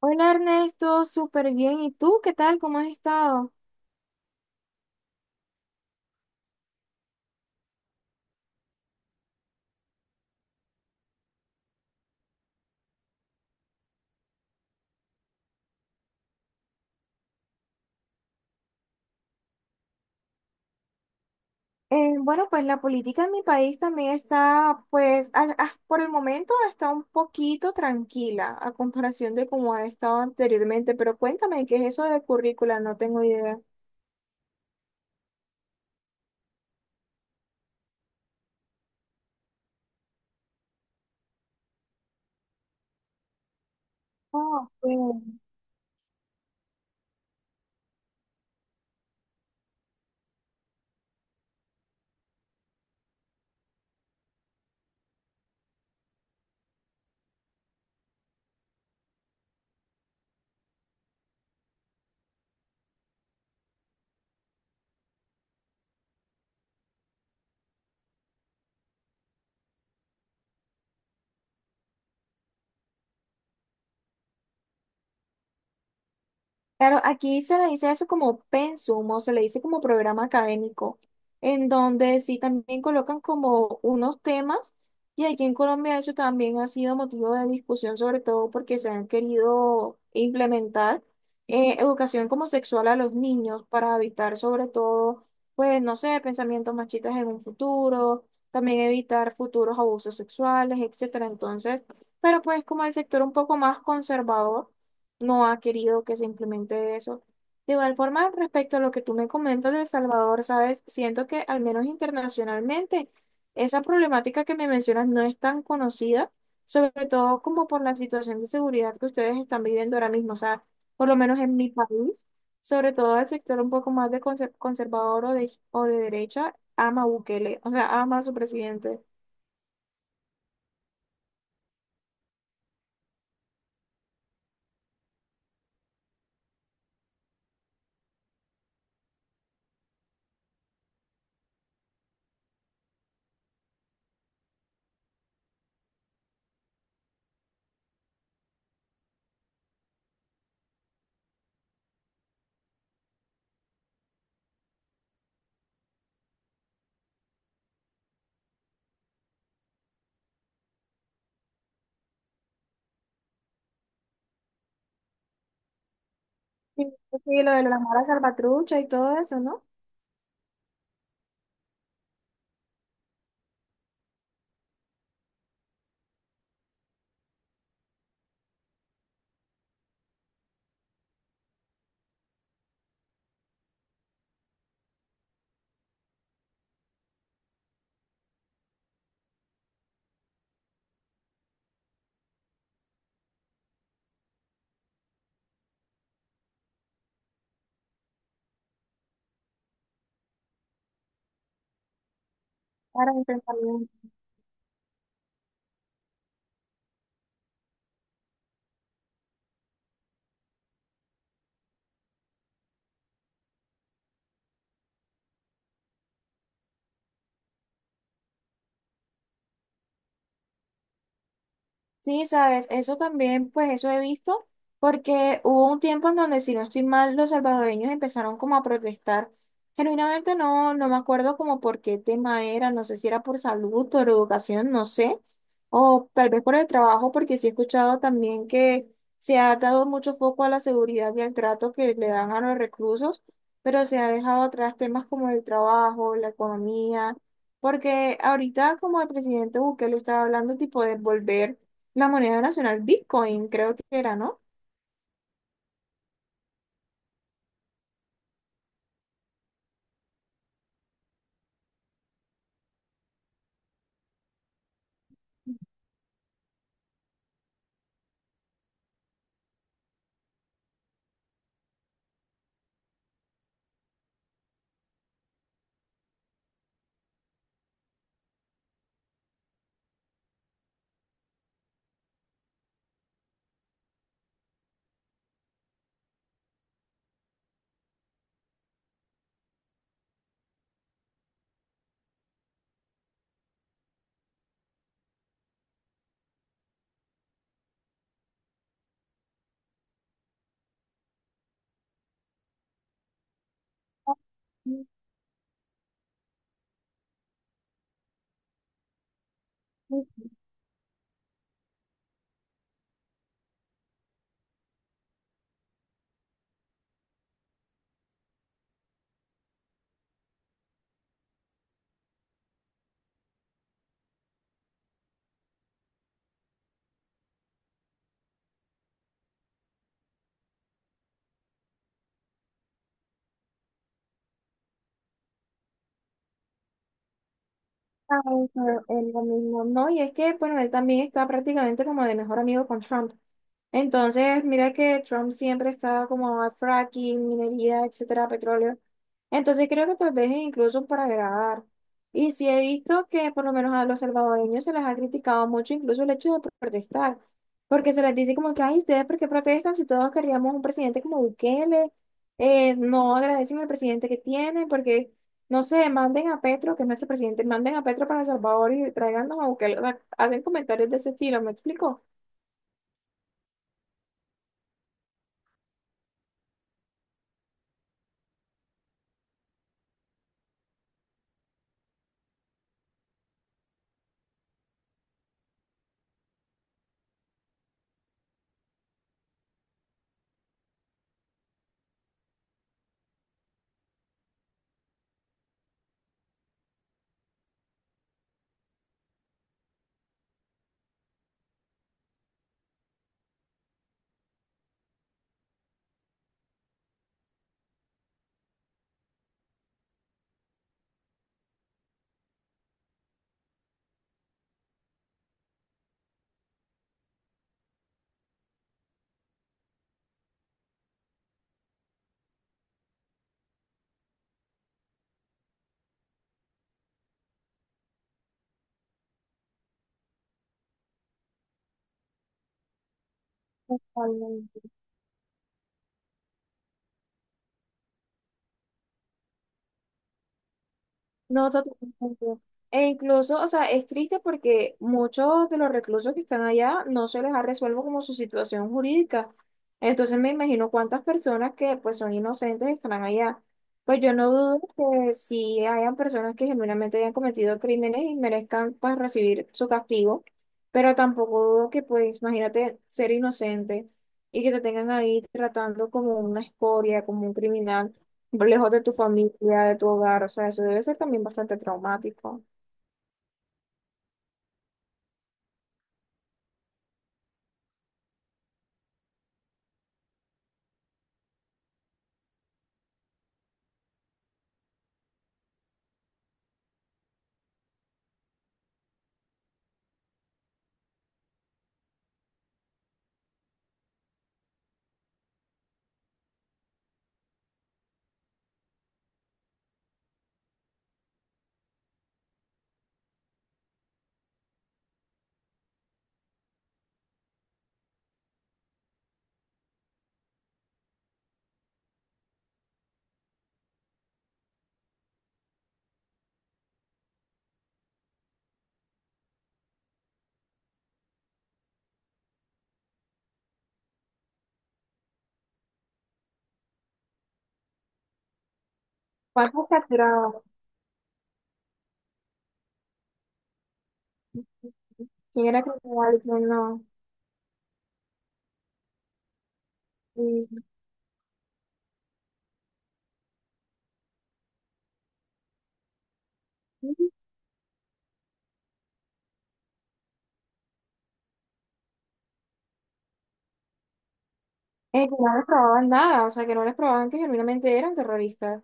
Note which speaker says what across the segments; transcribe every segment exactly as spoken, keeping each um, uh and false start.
Speaker 1: Hola Ernesto, súper bien. ¿Y tú qué tal? ¿Cómo has estado? Eh, bueno, pues la política en mi país también está, pues, al- as- por el momento está un poquito tranquila a comparación de cómo ha estado anteriormente, pero cuéntame, ¿qué es eso de currícula? No tengo idea. Ah, ok. Claro, aquí se le dice eso como pensum o se le dice como programa académico, en donde sí también colocan como unos temas y aquí en Colombia eso también ha sido motivo de discusión, sobre todo porque se han querido implementar eh, educación como sexual a los niños para evitar sobre todo, pues no sé, pensamientos machistas en un futuro, también evitar futuros abusos sexuales, etcétera. Entonces, pero pues como el sector un poco más conservador no ha querido que se implemente eso. De igual forma, respecto a lo que tú me comentas de El Salvador, ¿sabes? Siento que al menos internacionalmente esa problemática que me mencionas no es tan conocida, sobre todo como por la situación de seguridad que ustedes están viviendo ahora mismo, o sea, por lo menos en mi país, sobre todo el sector un poco más de conser- conservador o de, o de derecha, ama a Bukele, o sea, ama a su presidente. Sí, sí, lo de las malas salvatrucha y todo eso, ¿no? Para enfrentarlo. Sí, sabes, eso también, pues eso he visto, porque hubo un tiempo en donde, si no estoy mal, los salvadoreños empezaron como a protestar. Genuinamente no, no me acuerdo como por qué tema era, no sé si era por salud, por educación, no sé, o tal vez por el trabajo, porque sí he escuchado también que se ha dado mucho foco a la seguridad y al trato que le dan a los reclusos, pero se ha dejado atrás temas como el trabajo, la economía, porque ahorita como el presidente Bukele estaba hablando tipo de volver la moneda nacional Bitcoin, creo que era, ¿no? Sí, sí. Ah, eso Es lo mismo, ¿no? Y es que, bueno, él también está prácticamente como de mejor amigo con Trump. Entonces, mira que Trump siempre está como a fracking, minería, etcétera, petróleo. Entonces, creo que tal vez es incluso para grabar. Y sí he visto que por lo menos a los salvadoreños se les ha criticado mucho incluso el hecho de pro- protestar, porque se les dice como que, ay, ¿ustedes por qué protestan si todos queríamos un presidente como Bukele? Eh, no agradecen al presidente que tienen, porque... No sé, manden a Petro, que es nuestro presidente, manden a Petro para El Salvador y tráiganos a Bukele. O sea, hacen comentarios de ese estilo, ¿me explico? Totalmente. No, totalmente. E incluso, o sea, es triste porque muchos de los reclusos que están allá no se les ha resuelto como su situación jurídica. Entonces me imagino cuántas personas que pues son inocentes estarán allá. Pues yo no dudo que si hayan personas que genuinamente hayan cometido crímenes y merezcan pues recibir su castigo, pero tampoco dudo que pues imagínate ser inocente y que te tengan ahí tratando como una escoria, como un criminal lejos de tu familia, de tu hogar, o sea, eso debe ser también bastante traumático. ¿Cuántos capturados? ¿Quién era capturado y quién no? Y, eh, que no les probaban nada, o sea, que no les probaban que genuinamente eran terroristas.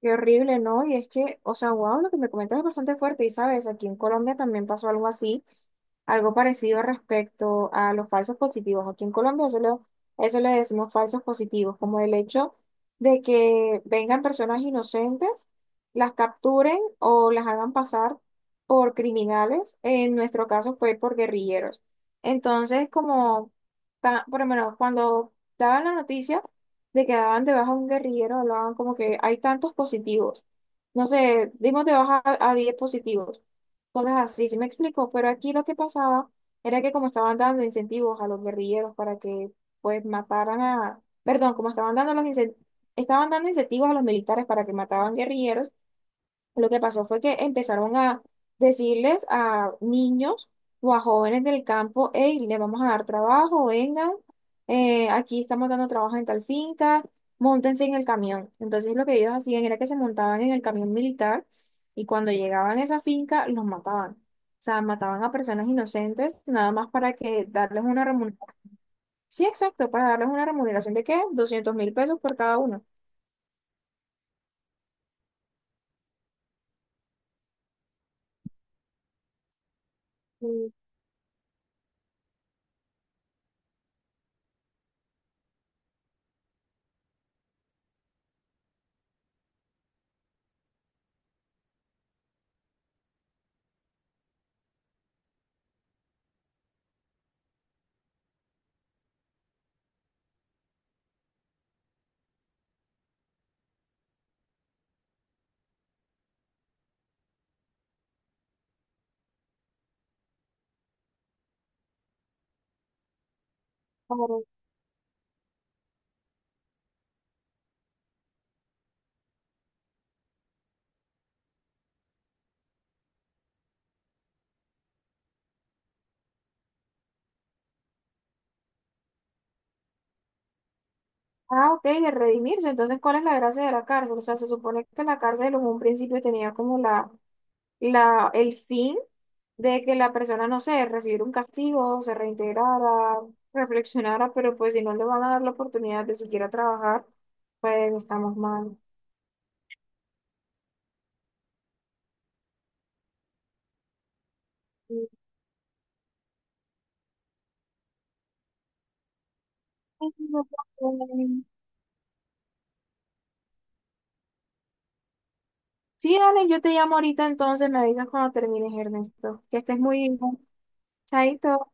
Speaker 1: Qué horrible, ¿no? Y es que, o sea, wow, lo que me comentas es bastante fuerte. Y sabes, aquí en Colombia también pasó algo así, algo parecido respecto a los falsos positivos. Aquí en Colombia eso, lo- eso le decimos falsos positivos, como el hecho de que vengan personas inocentes, las capturen o las hagan pasar por criminales. En nuestro caso fue por guerrilleros. Entonces, como, ta- por lo menos, cuando daban la noticia de que daban de baja a un guerrillero, hablaban como que hay tantos positivos. No sé, dimos de baja a, a diez positivos. Cosas así, sí me explico, pero aquí lo que pasaba era que como estaban dando incentivos a los guerrilleros para que pues mataran a, perdón, como estaban dando los incen- estaban dando incentivos a los militares para que mataban guerrilleros, lo que pasó fue que empezaron a decirles a niños o a jóvenes del campo, hey, le vamos a dar trabajo, vengan, eh, aquí estamos dando trabajo en tal finca, móntense en el camión. Entonces lo que ellos hacían era que se montaban en el camión militar y cuando llegaban a esa finca los mataban. O sea, mataban a personas inocentes nada más para que darles una remuneración. Sí, exacto, para darles una remuneración ¿de qué? Doscientos mil pesos por cada uno. Mm, claro. Ah, ok, de redimirse. Entonces, ¿cuál es la gracia de la cárcel? O sea, se supone que la cárcel en un principio tenía como la, la, el fin de que la persona, no sé, recibiera un castigo, se reintegrara, reflexionara, pero pues si no le van a dar la oportunidad de siquiera trabajar, pues estamos mal. Sí, Sí, dale, yo te llamo ahorita entonces, me avisas cuando termines, Ernesto. Que estés muy bien. Chaito.